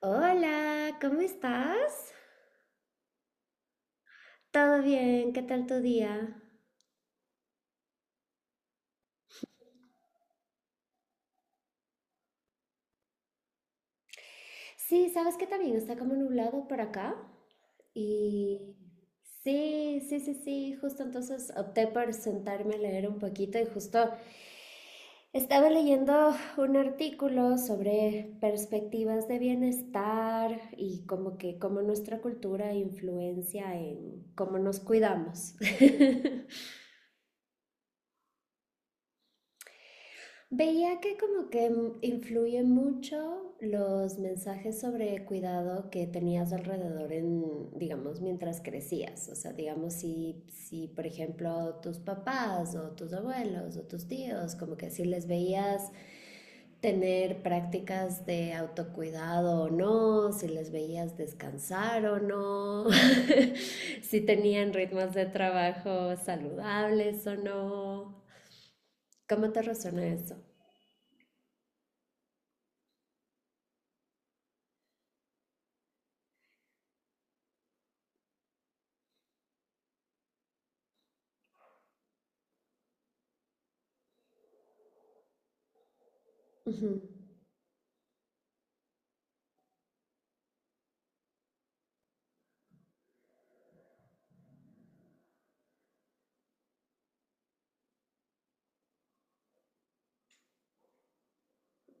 Hola, ¿cómo estás? ¿Todo bien? ¿Qué tal tu día? Sí, sabes que también está como nublado por acá. Y sí, sí, sí, sí, justo entonces opté por sentarme a leer un poquito y justo estaba leyendo un artículo sobre perspectivas de bienestar y como que cómo nuestra cultura influencia en cómo nos cuidamos. Veía que como que influye mucho los mensajes sobre cuidado que tenías alrededor en, digamos, mientras crecías. O sea, digamos, si por ejemplo tus papás o tus abuelos o tus tíos, como que si les veías tener prácticas de autocuidado o no, si les veías descansar o no, si tenían ritmos de trabajo saludables o no. ¿Cómo te resuena eso? Ujú.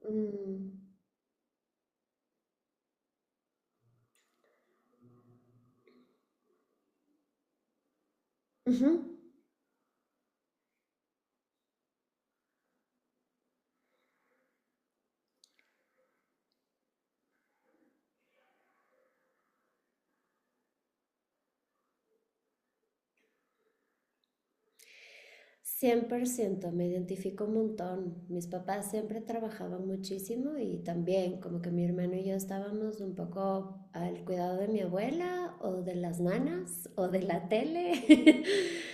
Mm, ujú. 100% me identifico un montón. Mis papás siempre trabajaban muchísimo y también como que mi hermano y yo estábamos un poco al cuidado de mi abuela o de las nanas o de la tele.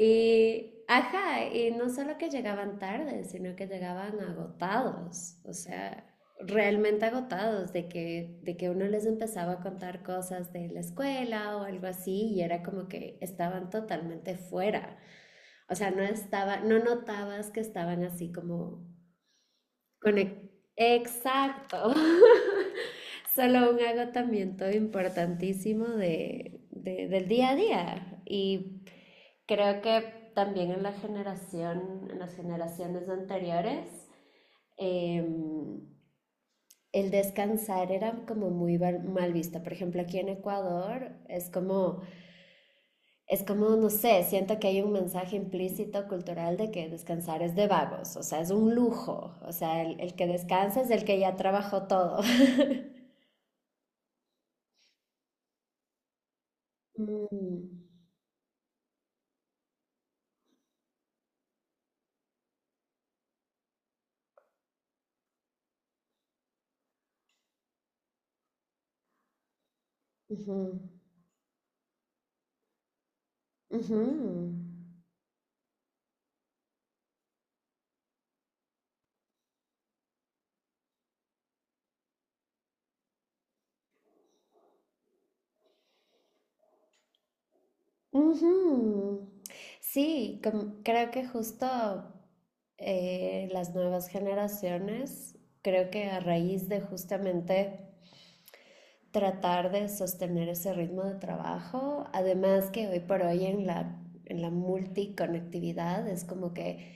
Y, ajá, y no solo que llegaban tarde, sino que llegaban agotados, o sea, realmente agotados de que uno les empezaba a contar cosas de la escuela o algo así y era como que estaban totalmente fuera. O sea, no estaba, no notabas que estaban así como conectados. Exacto. Solo un agotamiento importantísimo del día a día. Y creo que también en la generación, en las generaciones anteriores, em, el descansar era como muy mal visto. Por ejemplo, aquí en Ecuador es como Es como, no sé, siento que hay un mensaje implícito cultural de que descansar es de vagos, o sea, es un lujo, o sea, el que descansa es el que ya trabajó todo. Mm, ujú, ujú, ujú. Sí, creo que justo las nuevas generaciones, creo que a raíz de justamente tratar de sostener ese ritmo de trabajo. Además que hoy por hoy en la multiconectividad es como que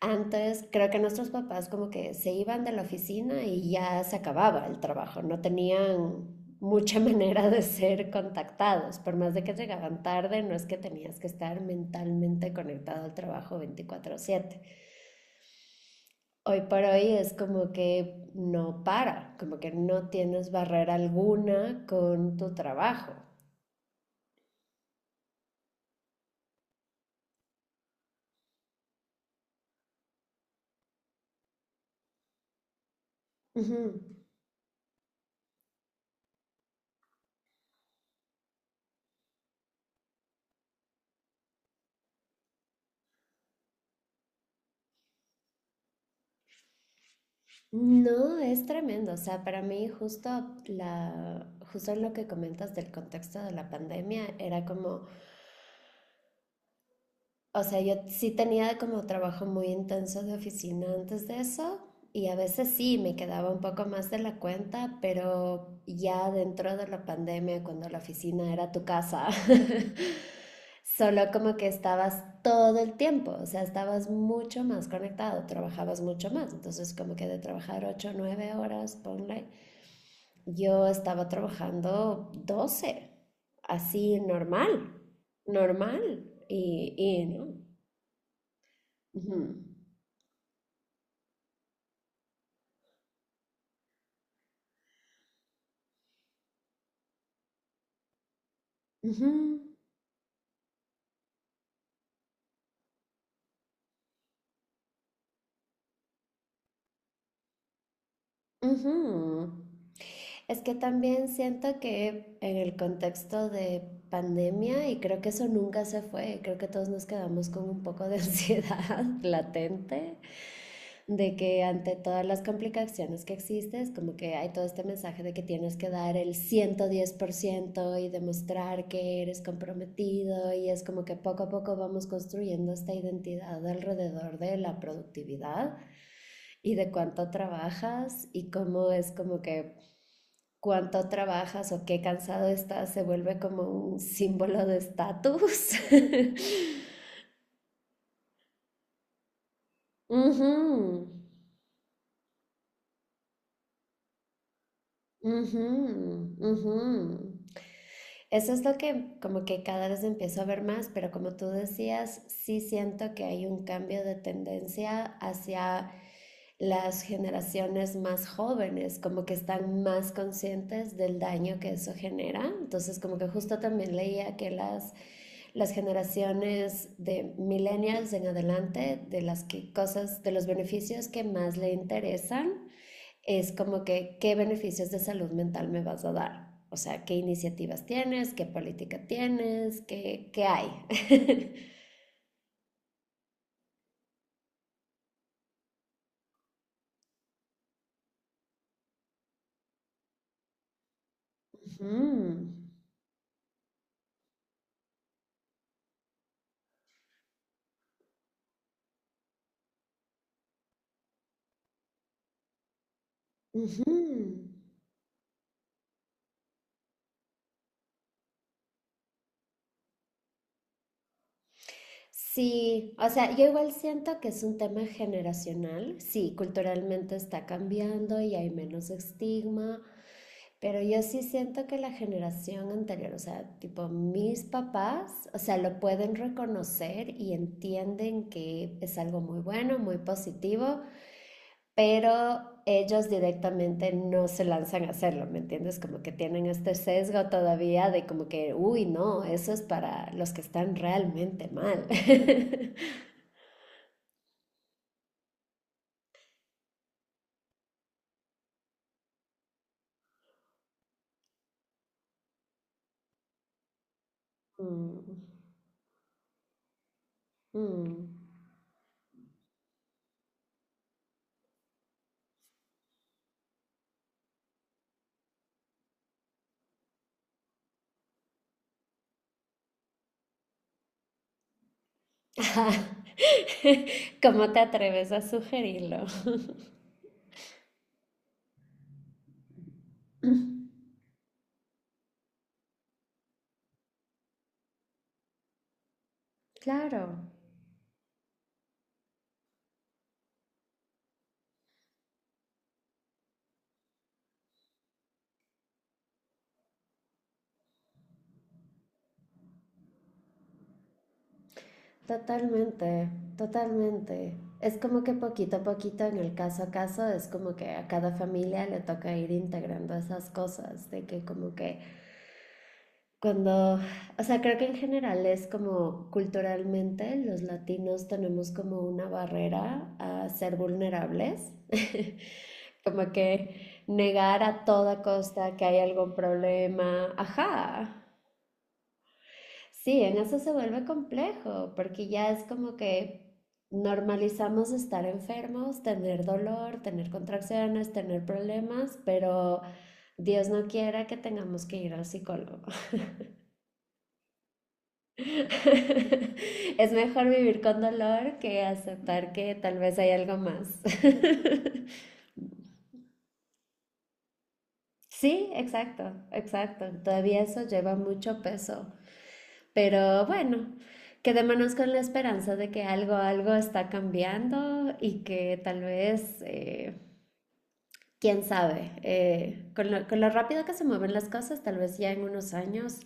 antes creo que nuestros papás como que se iban de la oficina y ya se acababa el trabajo, no tenían mucha manera de ser contactados, por más de que llegaban tarde, no es que tenías que estar mentalmente conectado al trabajo 24/7. Hoy por hoy es como que no para, como que no tienes barrera alguna con tu trabajo. Ujú. No, es tremendo. O sea, para mí justo justo en lo que comentas del contexto de la pandemia, era como, o sea, yo sí tenía como trabajo muy intenso de oficina antes de eso y a veces sí me quedaba un poco más de la cuenta, pero ya dentro de la pandemia, cuando la oficina era tu casa, solo como que estabas todo el tiempo, o sea, estabas mucho más conectado, trabajabas mucho más. Entonces, como que de trabajar 8 o 9 horas, ponle, yo estaba trabajando 12 así normal, normal. Y no. Ujú, ujú, ujú. Es que también siento que en el contexto de pandemia, y creo que eso nunca se fue, creo que todos nos quedamos con un poco de ansiedad latente de que ante todas las complicaciones que existes, como que hay todo este mensaje de que tienes que dar el 110% y demostrar que eres comprometido y es como que poco a poco vamos construyendo esta identidad alrededor de la productividad y de cuánto trabajas y cómo es como que cuánto trabajas o qué cansado estás se vuelve como un símbolo de estatus. Mhm. Mhm. Mhm. Eso es lo que como que cada vez empiezo a ver más, pero como tú decías, sí siento que hay un cambio de tendencia hacia las generaciones más jóvenes, como que están más conscientes del daño que eso genera. Entonces, como que justo también leía que las generaciones de millennials en adelante, de las que cosas, de los beneficios que más le interesan, es como que qué beneficios de salud mental me vas a dar. O sea, qué iniciativas tienes, qué política tienes, qué hay. Ujú, ujú. Sí, o sea, yo igual siento que es un tema generacional. Sí, culturalmente está cambiando y hay menos estigma, pero yo sí siento que la generación anterior, o sea, tipo mis papás, o sea, lo pueden reconocer y entienden que es algo muy bueno, muy positivo, pero ellos directamente no se lanzan a hacerlo, ¿me entiendes? Como que tienen este sesgo todavía de como que, uy, no, eso es para los que están realmente mal. Mm, mm. ¿Cómo te atreves a sugerirlo? Claro, totalmente, totalmente. Es como que poquito a poquito, en el caso a caso, es como que a cada familia le toca ir integrando esas cosas, de que como que Cuando, o sea, creo que en general es como culturalmente los latinos tenemos como una barrera a ser vulnerables, como que negar a toda costa que hay algún problema, ajá. Sí, en eso se vuelve complejo, porque ya es como que normalizamos estar enfermos, tener dolor, tener contracciones, tener problemas, pero Dios no quiera que tengamos que ir al psicólogo. Es mejor vivir con dolor que aceptar que tal vez hay algo más. Sí, exacto, exacto. Todavía eso lleva mucho peso. Pero bueno, quedémonos con la esperanza de que algo, algo está cambiando y que tal vez, quién sabe, con lo rápido que se mueven las cosas, tal vez ya en unos años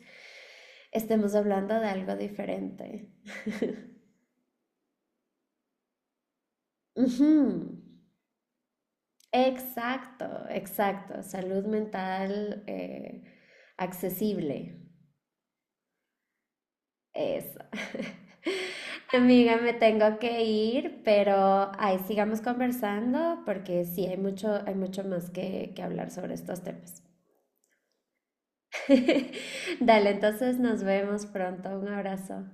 estemos hablando de algo diferente. Ujú. Exacto, exacto. Salud mental accesible. Eso. Amiga, me tengo que ir, pero ahí sigamos conversando porque sí, hay mucho más que hablar sobre estos temas. Dale, entonces nos vemos pronto. Un abrazo.